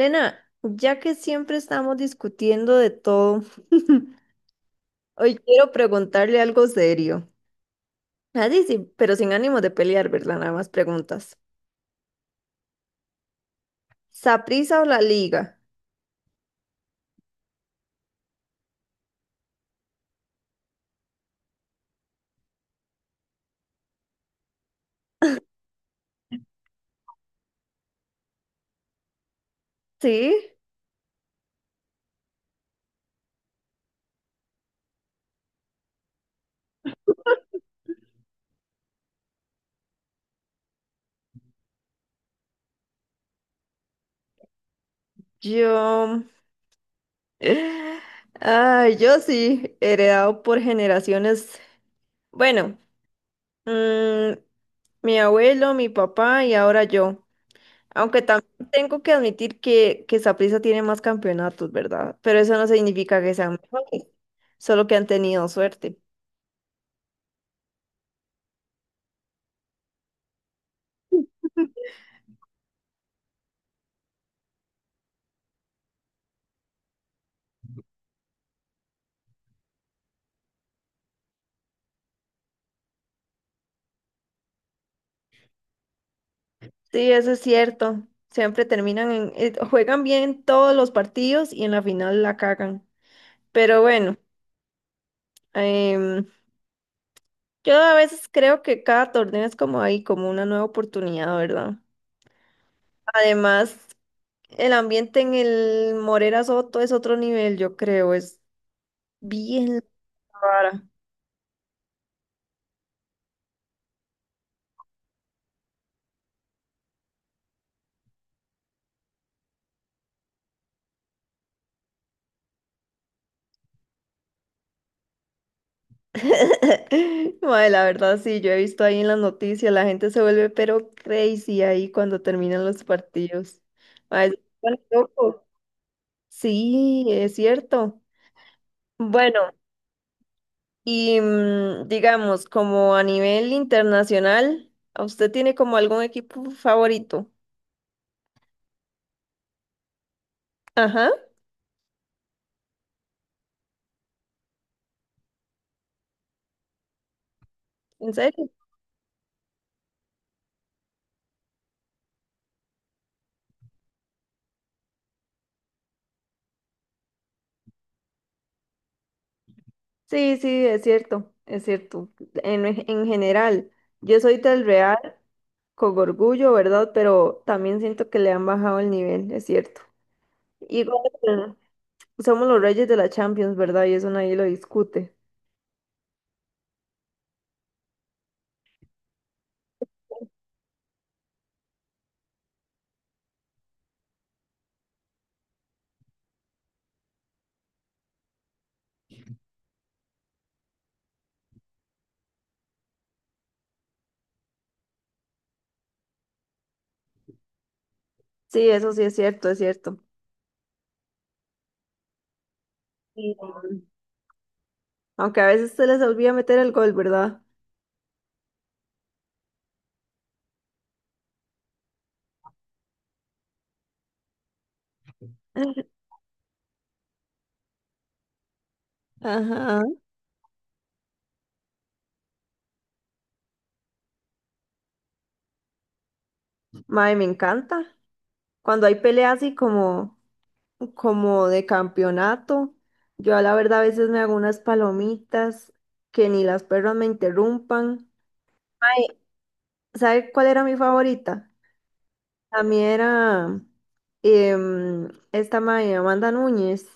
Elena, ya que siempre estamos discutiendo de todo, hoy quiero preguntarle algo serio. Así sí, sí, pero sin ánimo de pelear, ¿verdad? Nada más preguntas. ¿Saprissa o la Liga? Sí, yo. Ah, yo sí, heredado por generaciones. Bueno, mm, mi abuelo, mi papá y ahora yo. Aunque también tengo que admitir que Saprissa tiene más campeonatos, ¿verdad? Pero eso no significa que sean mejores, solo que han tenido suerte. Sí, eso es cierto. Siempre terminan juegan bien todos los partidos y en la final la cagan. Pero bueno, em, yo a veces creo que cada torneo es como ahí, como una nueva oportunidad, ¿verdad? Además, el ambiente en el Morera Soto es otro nivel, yo creo, es bien raro. Mae, la verdad sí, yo he visto ahí en las noticias, la gente se vuelve pero crazy ahí cuando terminan los partidos. Mae, se vuelven locos. Sí, es cierto. Bueno, y digamos, como a nivel internacional, ¿a ¿usted tiene como algún equipo favorito? Ajá, ¿en serio? Sí, sí, es cierto, es cierto. En general, yo soy del Real con orgullo, ¿verdad? Pero también siento que le han bajado el nivel, es cierto. Igual somos los reyes de la Champions, ¿verdad? Y eso nadie lo discute. Sí, eso sí es cierto, es cierto. Y, aunque a veces se les olvida meter el gol, ¿verdad? Ajá. Mae, me encanta. Cuando hay peleas como de campeonato, yo a la verdad a veces me hago unas palomitas que ni las perras me interrumpan. Mae, ¿sabe cuál era mi favorita? A mí era esta mae, Amanda Núñez.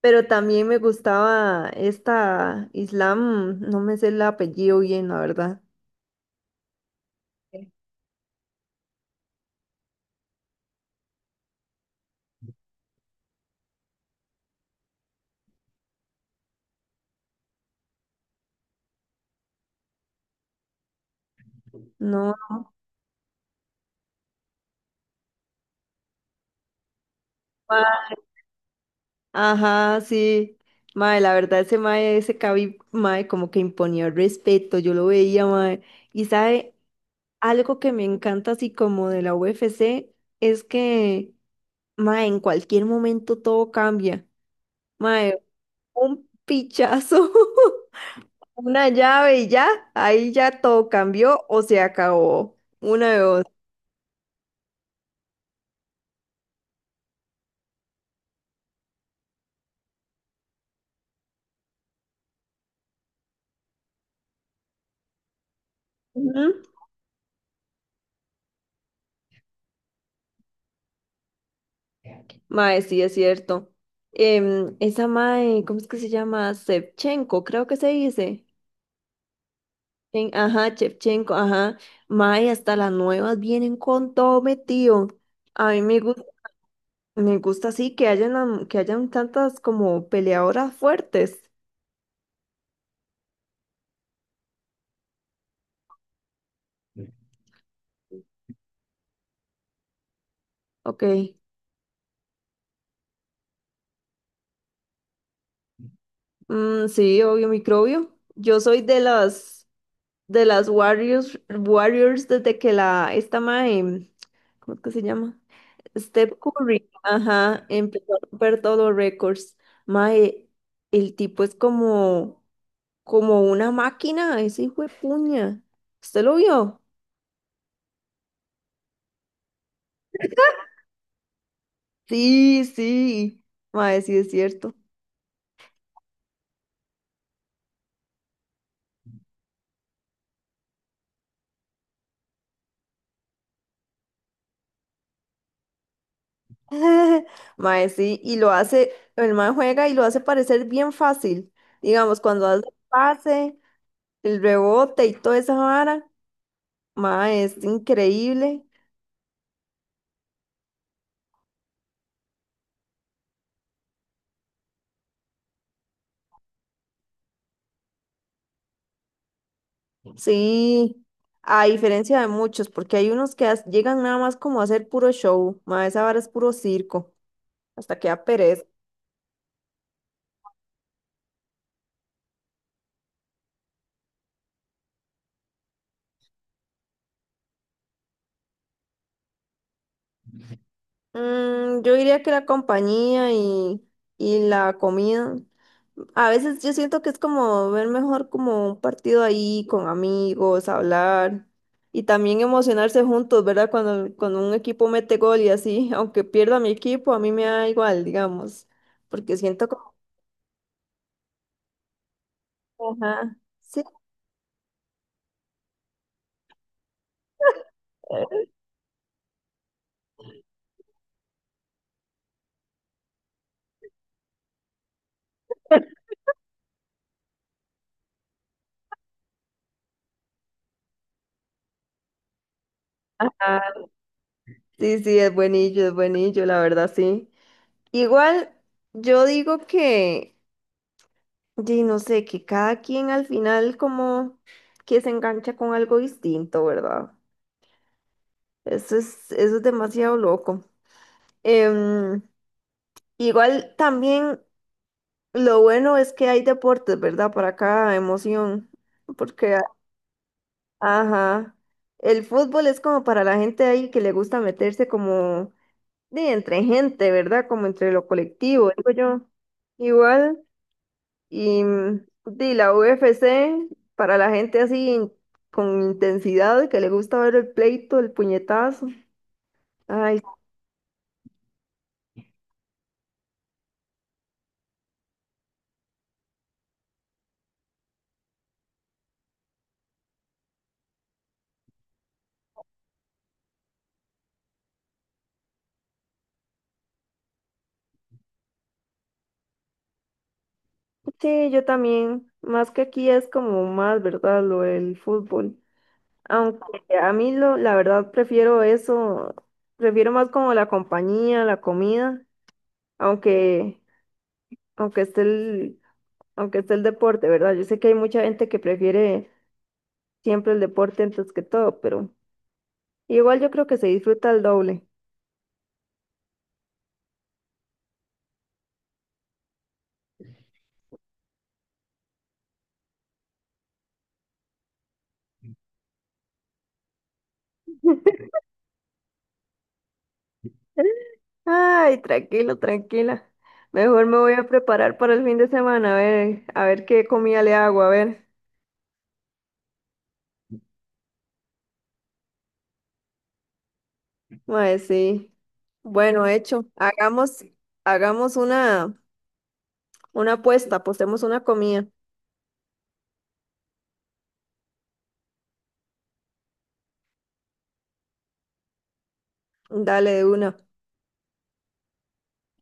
Pero también me gustaba esta Islam, no me sé el apellido bien, la verdad. No, ma- ajá, sí. Mae, la verdad, ese mae, ese Khabib, mae, como que imponía respeto, yo lo veía, mae. Y sabe, algo que me encanta así como de la UFC es que, mae, en cualquier momento todo cambia. Mae, un pichazo, una llave y ya, ahí ya todo cambió o se acabó. Una de dos. Ujú. Mae, sí, es cierto. Esa mae, ¿cómo es que se llama? Shevchenko, creo que se dice. Ajá, Shevchenko, ajá. Mae, hasta las nuevas vienen con todo metido. A mí me gusta así que hayan, que hayan tantas como peleadoras fuertes. Ok. Mm, sí, obvio, microbio. Yo soy de las Warriors, Warriors desde que la, esta mae, ¿cómo es que se llama? Steph Curry, ajá, empezó a romper todos récords. Mae, el tipo es como una máquina, ese hijo de puña. ¿Usted lo vio? Sí, sí. Mae, sí es cierto. Mae, sí, y lo hace, el mae juega y lo hace parecer bien fácil. Digamos, cuando hace el pase, el rebote y toda esa vara, mae, es increíble. Sí, a diferencia de muchos, porque hay unos que llegan nada más como a hacer puro show, ma, esa vara es puro circo, hasta que da pereza. Mm, yo diría que la compañía y la comida, a veces yo siento que es como ver mejor como un partido ahí con amigos, hablar y también emocionarse juntos, ¿verdad? Cuando un equipo mete gol y así, aunque pierda mi equipo, a mí me da igual, digamos, porque siento como... Ajá, sí. Ajá. Sí, sí, es buenillo, la verdad, sí. Igual, yo digo que, di, no sé, que cada quien al final como que se engancha con algo distinto, ¿verdad? Eso es demasiado loco. Em, igual también lo bueno es que hay deportes, ¿verdad? Para cada emoción, porque, ajá, el fútbol es como para la gente ahí que le gusta meterse como de entre gente, ¿verdad? Como entre lo colectivo, digo yo. Igual, y de la UFC, para la gente así con intensidad, que le gusta ver el pleito, el puñetazo. Ay, sí, yo también. Más que aquí es como más, ¿verdad? Lo del fútbol. Aunque la verdad prefiero eso, prefiero más como la compañía, la comida, aunque, aunque esté el, aunque esté el deporte, ¿verdad? Yo sé que hay mucha gente que prefiere siempre el deporte antes que todo, pero igual yo creo que se disfruta el doble. Ay, tranquilo, tranquila. Mejor me voy a preparar para el fin de semana, a ver qué comida le hago, a ver. Mae, sí. Bueno, hecho. Hagamos, hagamos una apuesta, apostemos una comida. Dale de una.